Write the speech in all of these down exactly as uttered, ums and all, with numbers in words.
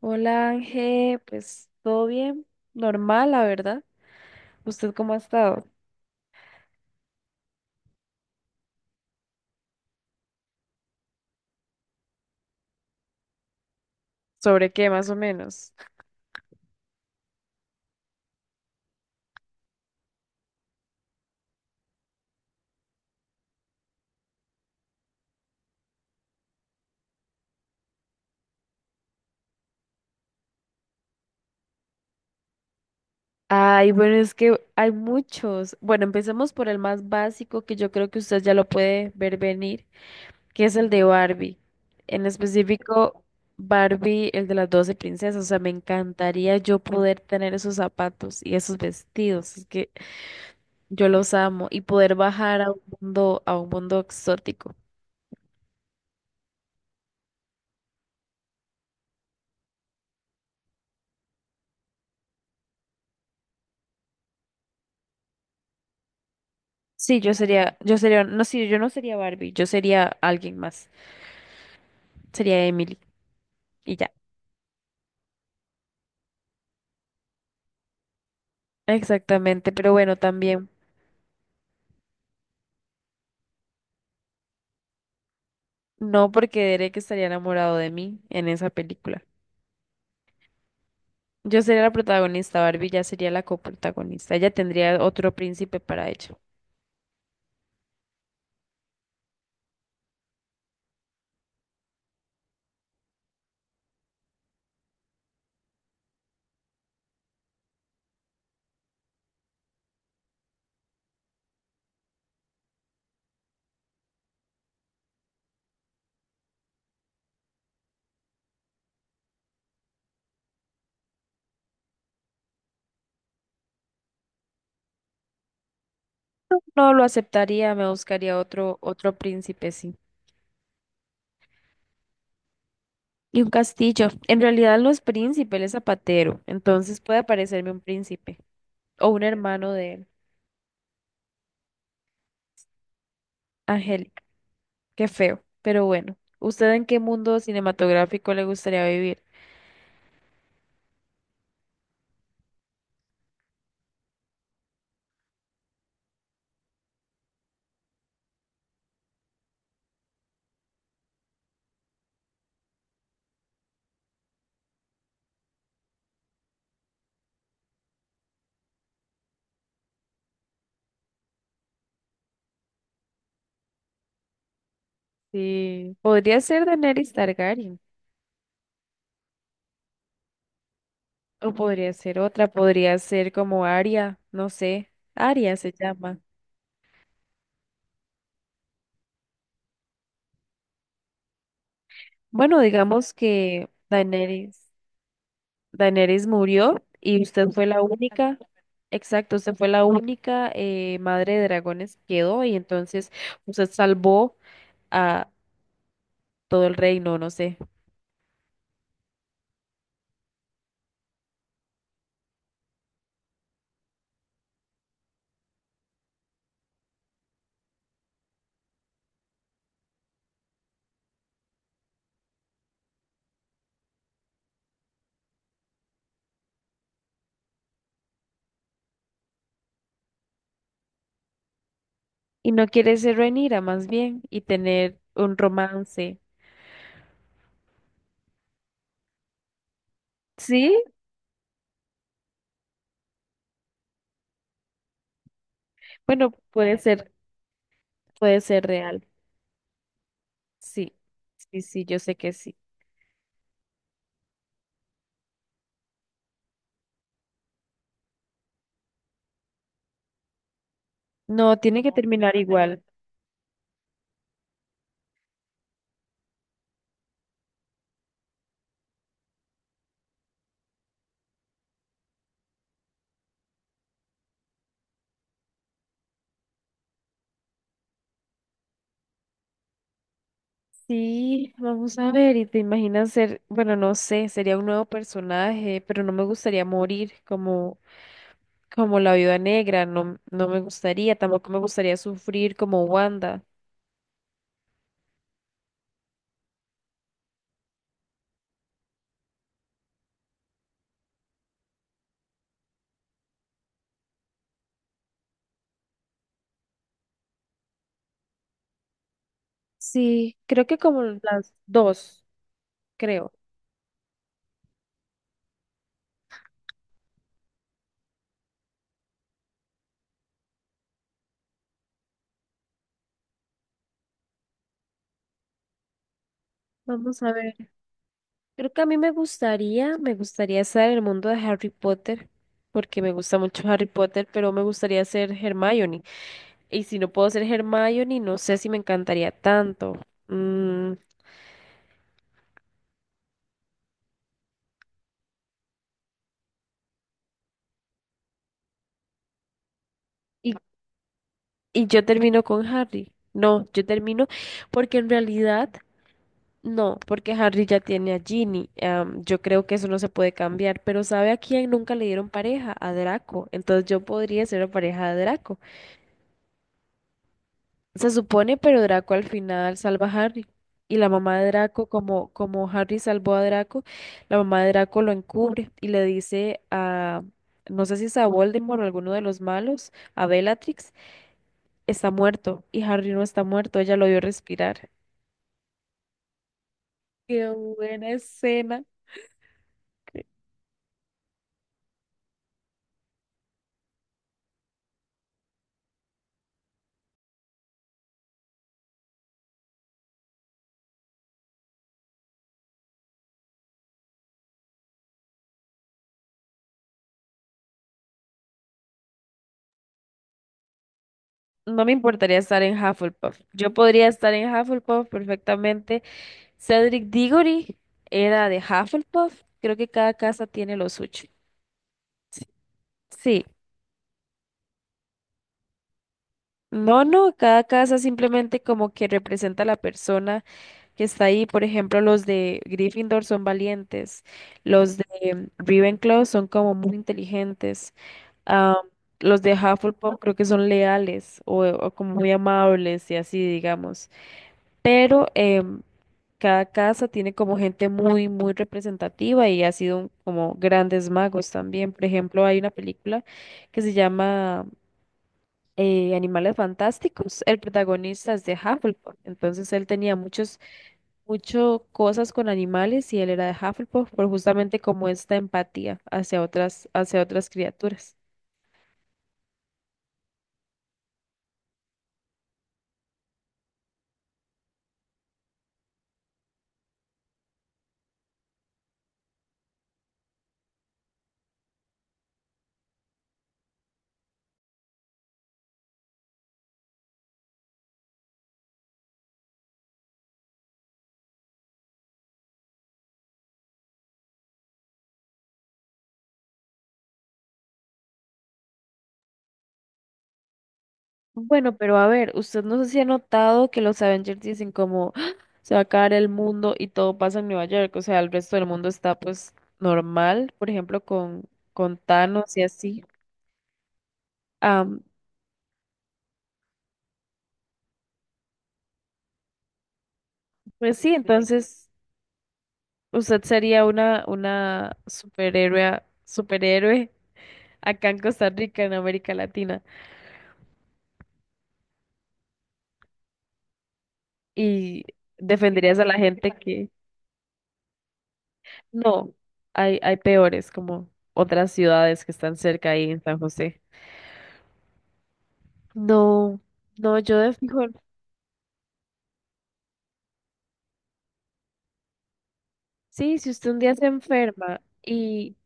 Hola Ángel, pues todo bien, normal, la verdad. ¿Usted cómo ha estado? ¿Sobre qué más o menos? Ay, bueno, es que hay muchos. Bueno, empecemos por el más básico que yo creo que usted ya lo puede ver venir, que es el de Barbie. En específico, Barbie, el de las doce princesas. O sea, me encantaría yo poder tener esos zapatos y esos vestidos. Es que yo los amo y poder bajar a un mundo, a un mundo exótico. Sí, yo sería, yo sería, no, sí, yo no sería Barbie, yo sería alguien más, sería Emily y ya. Exactamente, pero bueno, también no porque Derek estaría enamorado de mí en esa película. Yo sería la protagonista, Barbie ya sería la coprotagonista, ella tendría otro príncipe para ella. No lo aceptaría, me buscaría otro, otro príncipe, sí. Y un castillo. En realidad no es príncipe, él es zapatero, entonces puede aparecerme un príncipe. O un hermano de él, Angélica. Qué feo, pero bueno. ¿Usted en qué mundo cinematográfico le gustaría vivir? Sí, podría ser Daenerys Targaryen, o podría ser otra, podría ser como Arya, no sé, Arya se llama. Bueno, digamos que Daenerys, Daenerys murió y usted fue la única, exacto, usted fue la única eh, madre de dragones que quedó y entonces usted salvó a todo el reino, no sé. Y no quieres ser Rhaenyra más bien y tener un romance. ¿Sí? Bueno, puede ser, puede ser real. Sí, sí, sí, yo sé que sí. No, tiene que terminar igual. Sí, vamos a ver, y te imaginas ser, bueno, no sé, sería un nuevo personaje, pero no me gustaría morir como, como la viuda negra, no, no me gustaría, tampoco me gustaría sufrir como Wanda. Sí, creo que como las dos, creo. Vamos a ver. Creo que a mí me gustaría, me gustaría estar en el mundo de Harry Potter, porque me gusta mucho Harry Potter, pero me gustaría ser Hermione. Y si no puedo ser Hermione, no sé si me encantaría tanto. Mm, y, y yo termino con Harry. No, yo termino porque en realidad no, porque Harry ya tiene a Ginny. Am, yo creo que eso no se puede cambiar, pero ¿sabe a quién nunca le dieron pareja? A Draco. Entonces yo podría ser la pareja de Draco. Se supone, pero Draco al final salva a Harry. Y la mamá de Draco, como, como Harry salvó a Draco, la mamá de Draco lo encubre y le dice a, no sé si es a Voldemort o alguno de los malos, a Bellatrix, está muerto y Harry no está muerto, ella lo vio respirar. Qué buena escena. No me importaría estar en Hufflepuff. Yo podría estar en Hufflepuff perfectamente. Cedric Diggory era de Hufflepuff. Creo que cada casa tiene lo suyo. Sí. No, no, cada casa simplemente como que representa a la persona que está ahí. Por ejemplo, los de Gryffindor son valientes, los de em, Ravenclaw son como muy inteligentes, ah, los de Hufflepuff creo que son leales o, o como muy amables y así, digamos. Pero em, cada casa tiene como gente muy, muy representativa y ha sido un- como grandes magos también. Por ejemplo, hay una película que se llama eh, Animales Fantásticos, el protagonista es de Hufflepuff, entonces él tenía muchos, mucho cosas con animales y él era de Hufflepuff por justamente como esta empatía hacia otras, hacia otras criaturas. Bueno, pero a ver, usted no sé si ha notado que los Avengers dicen como "Ah, se va a acabar el mundo", y todo pasa en Nueva York, o sea, el resto del mundo está pues normal, por ejemplo, con, con Thanos y así. Am, pues sí, entonces... Usted sería una, una superhéroe, superhéroe acá en Costa Rica, en América Latina, y defenderías a la gente que no, hay, hay peores, como otras ciudades que están cerca ahí en San José. No, no, yo de fijo, sí, si usted un día se enferma. Y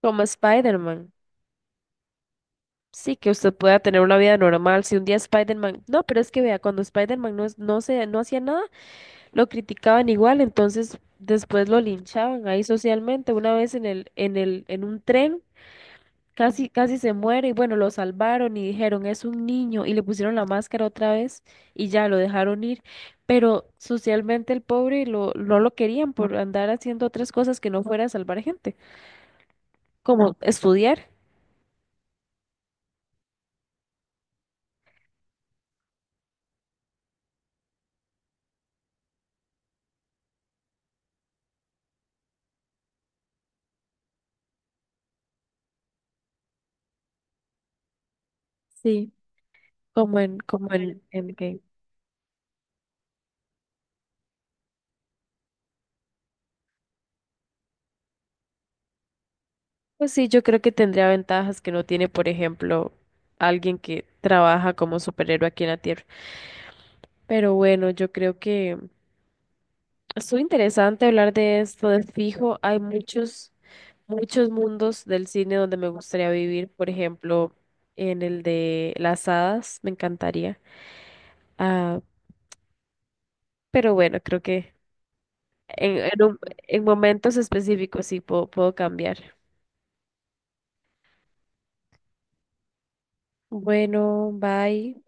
como Spider-Man, sí, que usted pueda tener una vida normal, si un día Spider-Man, no, pero es que vea, cuando Spider-Man no, es- no se, no hacía nada, lo criticaban igual, entonces después lo linchaban ahí socialmente. Una vez en el, en el, en un tren, casi, casi se muere, y bueno, lo salvaron y dijeron, es un niño, y le pusieron la máscara otra vez, y ya lo dejaron ir. Pero socialmente el pobre lo, no lo querían por andar haciendo otras cosas que no fuera a salvar gente, como estudiar, sí. Como en, como en, en que- Pues sí, yo creo que tendría ventajas que no tiene, por ejemplo, alguien que trabaja como superhéroe aquí en la Tierra. Pero bueno, yo creo que estuvo interesante hablar de esto, de fijo. Hay muchos, muchos mundos del cine donde me gustaría vivir. Por ejemplo, en el de las hadas, me encantaría. Ah, pero bueno, creo que en, en un- en momentos específicos sí puedo, puedo cambiar. Bueno, bye.